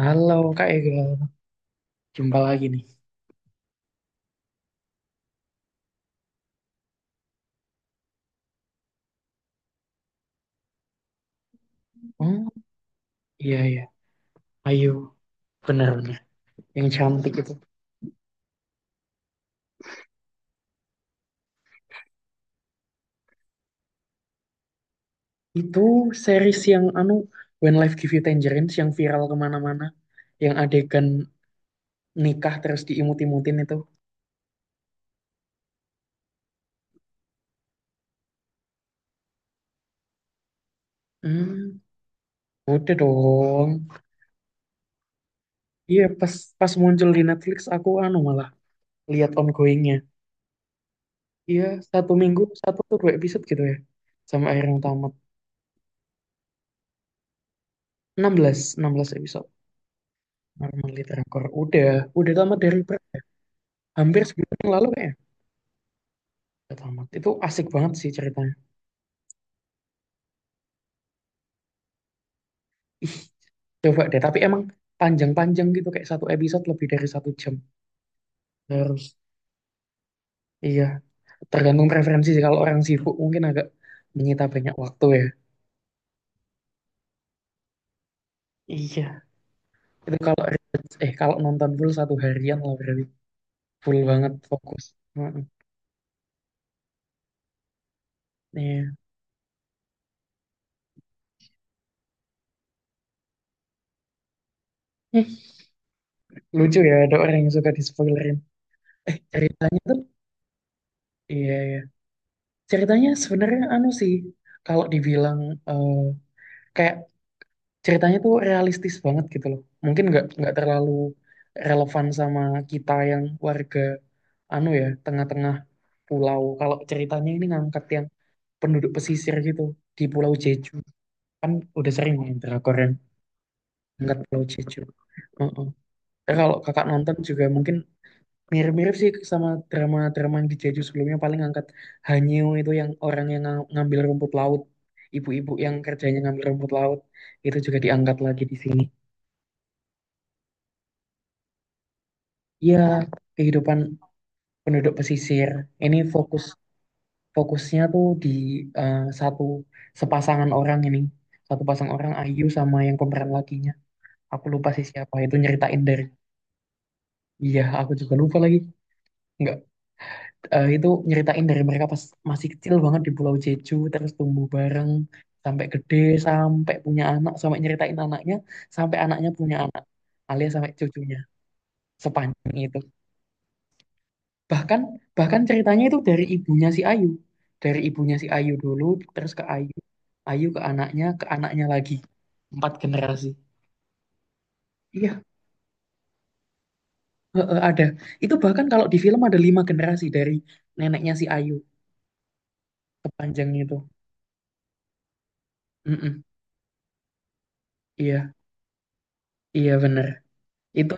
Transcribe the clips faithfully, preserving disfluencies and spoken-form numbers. Halo Kak Ega, jumpa lagi nih. Hmm, iya iya, Ayu, benar-benar yang cantik itu. Itu series yang anu When Life Give You Tangerines yang viral kemana-mana, yang adegan nikah terus diimut-imutin itu. Hmm, udah dong. Iya, pas pas muncul di Netflix aku anu malah lihat ongoingnya. Iya, satu minggu satu atau dua episode gitu ya, sampai akhirnya tamat. enam belas enam belas episode. Normally Drakor. Udah, udah tamat dari hampir sebulan yang lalu, kayaknya udah tamat. Itu asik banget sih ceritanya. Ih, coba deh, tapi emang panjang-panjang gitu, kayak satu episode lebih dari satu jam. Terus iya, tergantung preferensi sih, kalau orang sibuk mungkin agak menyita banyak waktu ya. Iya, itu kalau eh kalau nonton full satu harian lah, berarti full banget fokus. Heeh. Iya. Ih, lucu ya ada orang yang suka di spoilerin. Eh ceritanya tuh Iya iya, ceritanya sebenarnya anu sih, kalau dibilang eh, kayak, ceritanya tuh realistis banget gitu loh. Mungkin nggak nggak terlalu relevan sama kita yang warga anu ya, tengah-tengah pulau. Kalau ceritanya ini ngangkat yang penduduk pesisir gitu, di Pulau Jeju, kan udah sering main drakor yang ngangkat Pulau Jeju. Heeh. Ya, kalau kakak nonton juga mungkin mirip-mirip sih sama drama-drama yang di Jeju sebelumnya, paling ngangkat Hanyu itu, yang orang yang nga- ngambil rumput laut, ibu-ibu yang kerjanya ngambil rumput laut, itu juga diangkat lagi di sini. Iya, kehidupan penduduk pesisir. Ini fokus fokusnya tuh di eh, satu sepasangan orang ini. Satu pasang orang Ayu sama yang pemeran lakinya. Aku lupa sih siapa itu, nyeritain dari. Iya, aku juga lupa lagi. Enggak, eh, itu nyeritain dari mereka pas masih kecil banget di Pulau Jeju, terus tumbuh bareng sampai gede, sampai punya anak, sampai nyeritain anaknya, sampai anaknya punya anak, alias sampai cucunya. Sepanjang itu. Bahkan bahkan ceritanya itu dari ibunya si Ayu dari ibunya si Ayu dulu, terus ke Ayu, Ayu ke anaknya, ke anaknya lagi, empat generasi. Iya, heeh, ada. Itu bahkan kalau di film ada lima generasi, dari neneknya si Ayu, kepanjangnya itu. Mm-mm. Iya, iya bener. Itu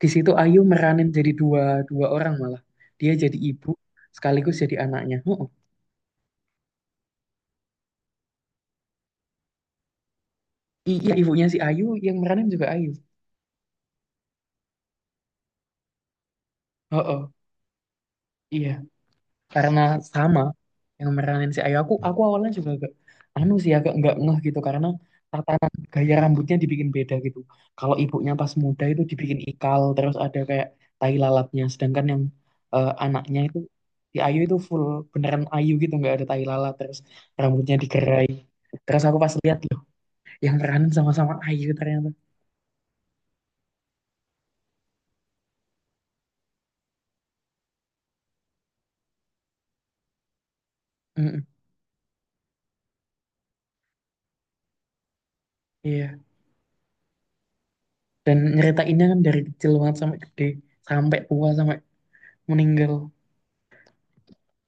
di situ Ayu meranin jadi dua dua orang malah, dia jadi ibu sekaligus jadi anaknya. Heeh. I- iya, ibunya si Ayu yang meranin juga Ayu. Heeh, iya, karena sama yang meranin si Ayu, aku aku awalnya juga agak anu sih, agak nggak ngeh gitu, karena tatanan gaya rambutnya dibikin beda gitu. Kalau ibunya pas muda itu dibikin ikal, terus ada kayak tai lalatnya, sedangkan yang eh, anaknya itu, si Ayu itu full beneran Ayu gitu, nggak ada tai lalat, terus rambutnya digerai. Terus aku pas lihat, loh, yang meranin sama-sama Ayu ternyata. Mm-mm, iya. Dan nyeritainnya kan dari kecil banget sampai gede, sampai tua, sampai meninggal.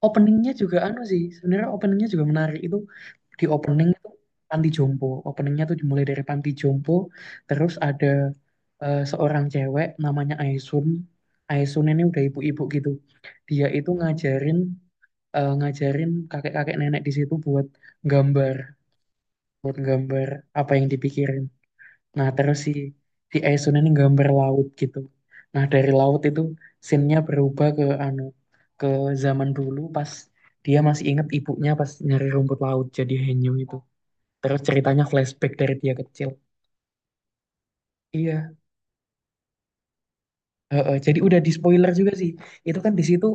Openingnya juga anu sih, sebenarnya openingnya juga menarik itu. Di opening itu, Panti Jompo, openingnya tuh dimulai dari Panti Jompo. Terus ada eh, seorang cewek namanya Aisun. Aisun ini udah ibu-ibu gitu, dia itu ngajarin, eh, ngajarin kakek-kakek nenek di situ buat gambar buat gambar apa yang dipikirin. Nah, terus si si Aesun ini gambar laut gitu. Nah, dari laut itu scene-nya berubah ke anu, ke zaman dulu pas dia masih inget ibunya pas nyari rumput laut jadi Henyu itu. Terus ceritanya flashback dari dia kecil. Iya, heeh, jadi udah di spoiler juga sih. Itu kan di situ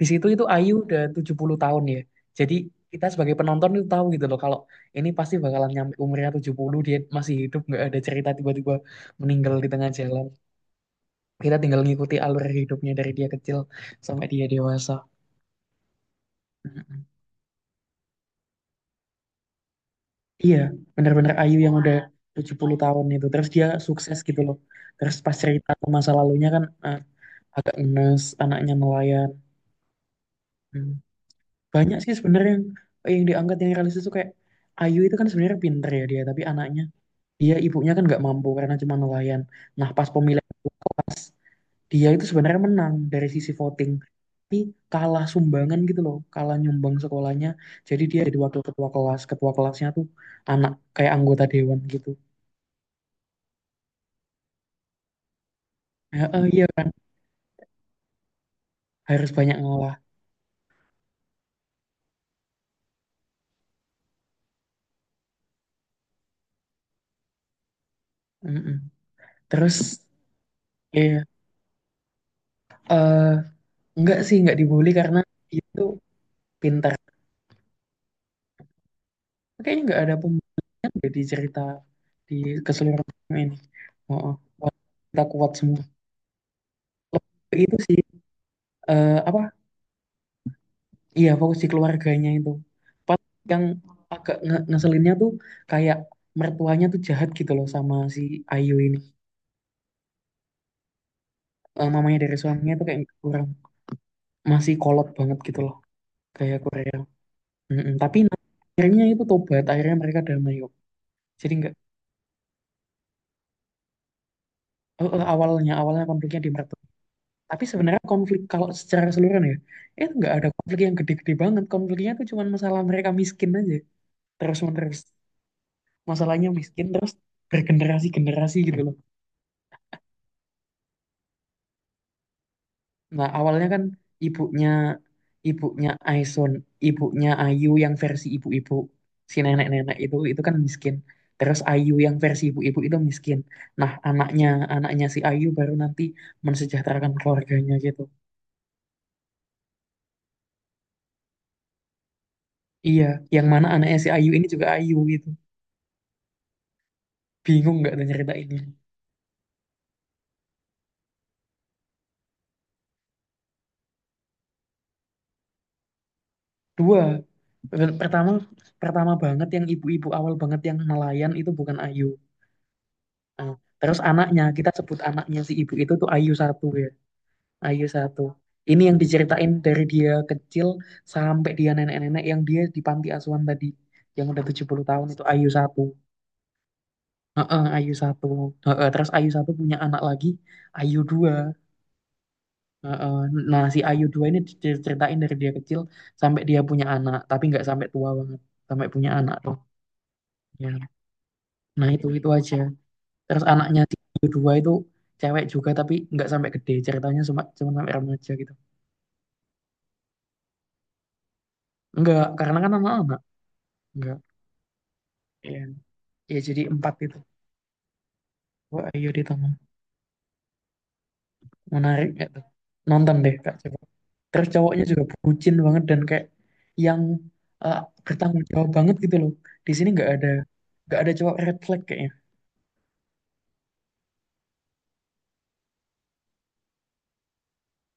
di situ itu Ayu udah tujuh puluh tahun ya. Jadi kita sebagai penonton itu tahu gitu loh, kalau ini pasti bakalan nyampe umurnya tujuh puluh dia masih hidup, nggak ada cerita tiba-tiba meninggal di tengah jalan. Kita tinggal ngikuti alur hidupnya dari dia kecil sampai dia dewasa. Mm-mm. Iya, benar-benar Ayu yang udah tujuh puluh tahun itu. Terus dia sukses gitu loh. Terus pas cerita ke masa lalunya kan, eh, agak ngenes, anaknya nelayan. Hmm. Banyak sih sebenarnya yang, yang diangkat yang realistis tuh, kayak Ayu itu kan sebenarnya pinter ya dia, tapi anaknya, dia, ibunya kan nggak mampu karena cuma nelayan. Nah, pas pemilihan pas dia itu sebenarnya menang dari sisi voting, tapi kalah sumbangan gitu loh, kalah nyumbang sekolahnya. Jadi dia jadi wakil ketua kelas, ketua kelasnya tuh anak kayak anggota dewan gitu. Ya, eh, iya kan, harus banyak ngalah. Mm-mm. Terus iya, eh enggak sih, enggak dibully karena dia tuh pintar. Kayaknya enggak ada pembunuh di cerita, di keseluruhan film ini. Oh, oh. Wah, kita kuat semua. Lebih ke itu sih, eh, apa iya, fokus di keluarganya itu. Pas yang agak nge- ngeselinnya tuh kayak, mertuanya tuh jahat gitu loh sama si Ayu ini. Eh, mamanya dari suaminya tuh kayak kurang, masih kolot banget gitu loh, kayak Korea. Mm-mm. Tapi na- akhirnya itu tobat, akhirnya mereka damai kok. Jadi nggak, eh, eh, awalnya awalnya konfliknya di mertua. Tapi sebenarnya konflik kalau secara keseluruhan ya, itu nggak ada konflik yang gede-gede banget. Konfliknya tuh cuma masalah mereka miskin aja, terus menerus. Masalahnya miskin terus bergenerasi-generasi gitu loh. Nah, awalnya kan, ibunya ibunya Aison, ibunya Ayu yang versi ibu-ibu, si nenek-nenek itu itu kan miskin. Terus Ayu yang versi ibu-ibu itu miskin. Nah, anaknya anaknya si Ayu baru nanti mensejahterakan keluarganya gitu. Iya, yang mana anaknya si Ayu ini juga Ayu gitu. Bingung nggak tuh cerita ini? Dua, Per- pertama pertama banget yang ibu-ibu awal banget yang nelayan itu bukan Ayu. Nah, terus anaknya, kita sebut anaknya si ibu itu tuh Ayu satu ya. Ayu satu. Ini yang diceritain dari dia kecil sampai dia nenek-nenek yang dia di panti asuhan tadi. Yang udah tujuh puluh tahun itu Ayu satu. Heeh, Ayu satu. Heeh, terus Ayu satu punya anak lagi, Ayu dua. Heeh. Nah, si Ayu dua ini diceritain dari dia kecil sampai dia punya anak, tapi nggak sampai tua banget, sampai punya anak tuh. Ya. Nah, itu itu aja. Terus anaknya si Ayu dua itu cewek juga, tapi nggak sampai gede. Ceritanya cuma cuma sampai remaja gitu. Enggak, karena kan anak-anak. Enggak. Ya, jadi empat itu. Wah, ayo di tengah, menarik nggak tuh, nonton deh kak, coba. Terus cowoknya juga bucin banget, dan kayak yang eh, bertanggung jawab banget gitu loh. Di sini nggak ada nggak ada cowok red flag kayaknya.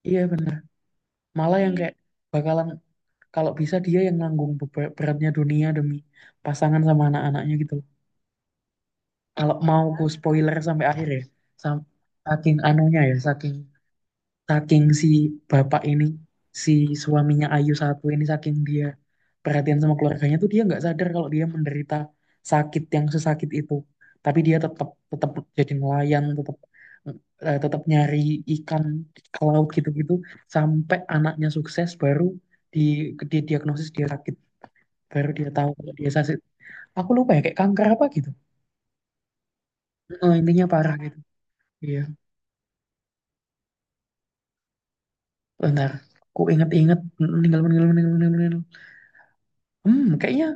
Iya bener, malah yang, iya, kayak bakalan, kalau bisa dia yang nanggung beba- beratnya dunia demi pasangan sama anak-anaknya gitu loh. Kalau mau ku spoiler sampai akhir ya, sam- saking anunya ya, saking saking si bapak ini, si suaminya Ayu satu ini, saking dia perhatian sama keluarganya tuh, dia nggak sadar kalau dia menderita sakit yang sesakit itu. Tapi dia tetap tetap jadi nelayan, tetap eh, tetap nyari ikan ke laut gitu-gitu, sampai anaknya sukses baru di di diagnosis dia sakit, baru dia tahu kalau dia sakit. Aku lupa ya, kayak kanker apa gitu. Eh, intinya parah gitu. Iya. Bentar, aku inget-inget. Meninggal, meninggal, meninggal, meninggal, meninggal. Hmm, kayaknya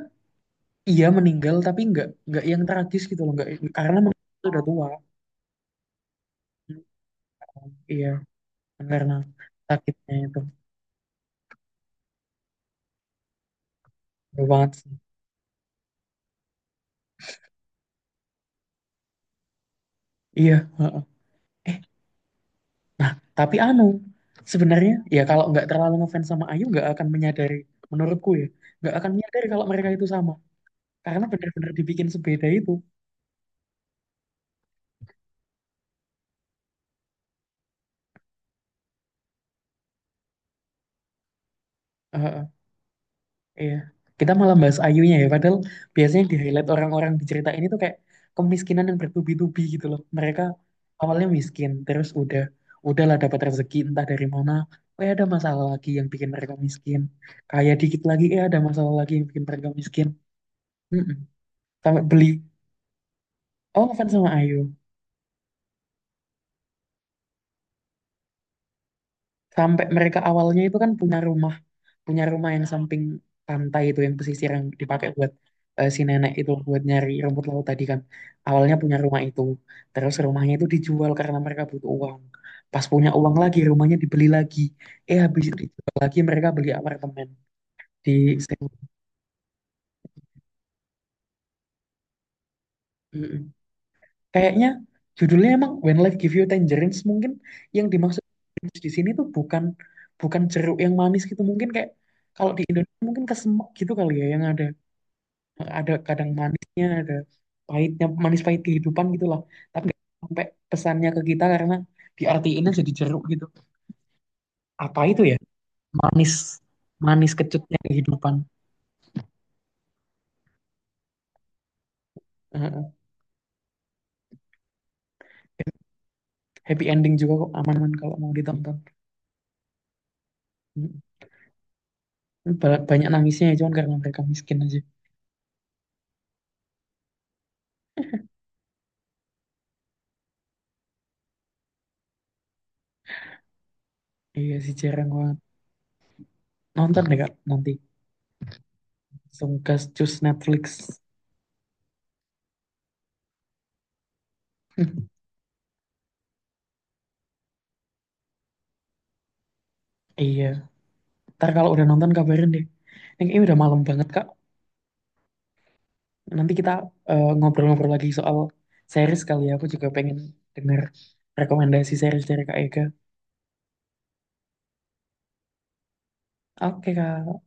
iya meninggal, tapi nggak, nggak yang tragis gitu loh, nggak, karena meninggal itu udah tua. Iya, karena sakitnya itu. Bener banget sih. Iya, heeh. eh nah, tapi anu, sebenarnya ya, kalau nggak terlalu ngefans sama Ayu nggak akan menyadari, menurutku ya, nggak akan menyadari kalau mereka itu sama, karena benar-benar dibikin sebeda itu. Heeh. Iya. Kita malah bahas Ayunya ya, padahal biasanya yang di highlight orang-orang di cerita ini tuh kayak kemiskinan yang bertubi-tubi gitu loh. Mereka awalnya miskin, terus udah udahlah dapat rezeki entah dari mana, eh ada masalah lagi yang bikin mereka miskin. Kaya dikit lagi, eh ada masalah lagi yang bikin mereka miskin. Mm-mm. Sampai beli, oh fans sama Ayu. Sampai mereka awalnya itu kan punya rumah punya rumah yang samping pantai itu, yang pesisir, yang dipakai buat eh, si nenek itu buat nyari rumput laut tadi kan. Awalnya punya rumah itu, terus rumahnya itu dijual karena mereka butuh uang. Pas punya uang lagi rumahnya dibeli lagi, eh habis itu dijual lagi mereka beli apartemen di Sing-. Mm-mm. Kayaknya judulnya emang When Life Give You Tangerines. Mungkin yang dimaksud tangerines di sini tuh bukan, bukan jeruk yang manis gitu, mungkin kayak kalau di Indonesia mungkin kesemek gitu kali ya, yang ada ada kadang manisnya, ada pahitnya, manis pahit kehidupan gitulah. Tapi sampai pesannya ke kita, karena diartiinnya jadi jeruk gitu, apa itu ya, manis manis kecutnya kehidupan. Heeh. Happy ending juga kok, aman-aman kalau mau ditonton. Mm. Ba- banyak nangisnya ya, cuman karena mereka miskin aja. Iya sih, jarang banget. Nonton deh kak nanti, langsung gas cus Netflix. Iya, ntar kalau udah nonton kabarin deh. Ini kayaknya udah malam banget kak. Nanti kita eh, ngobrol-ngobrol lagi soal series kali ya. Aku juga pengen dengar rekomendasi series dari Kak Ega. Oke, Kak.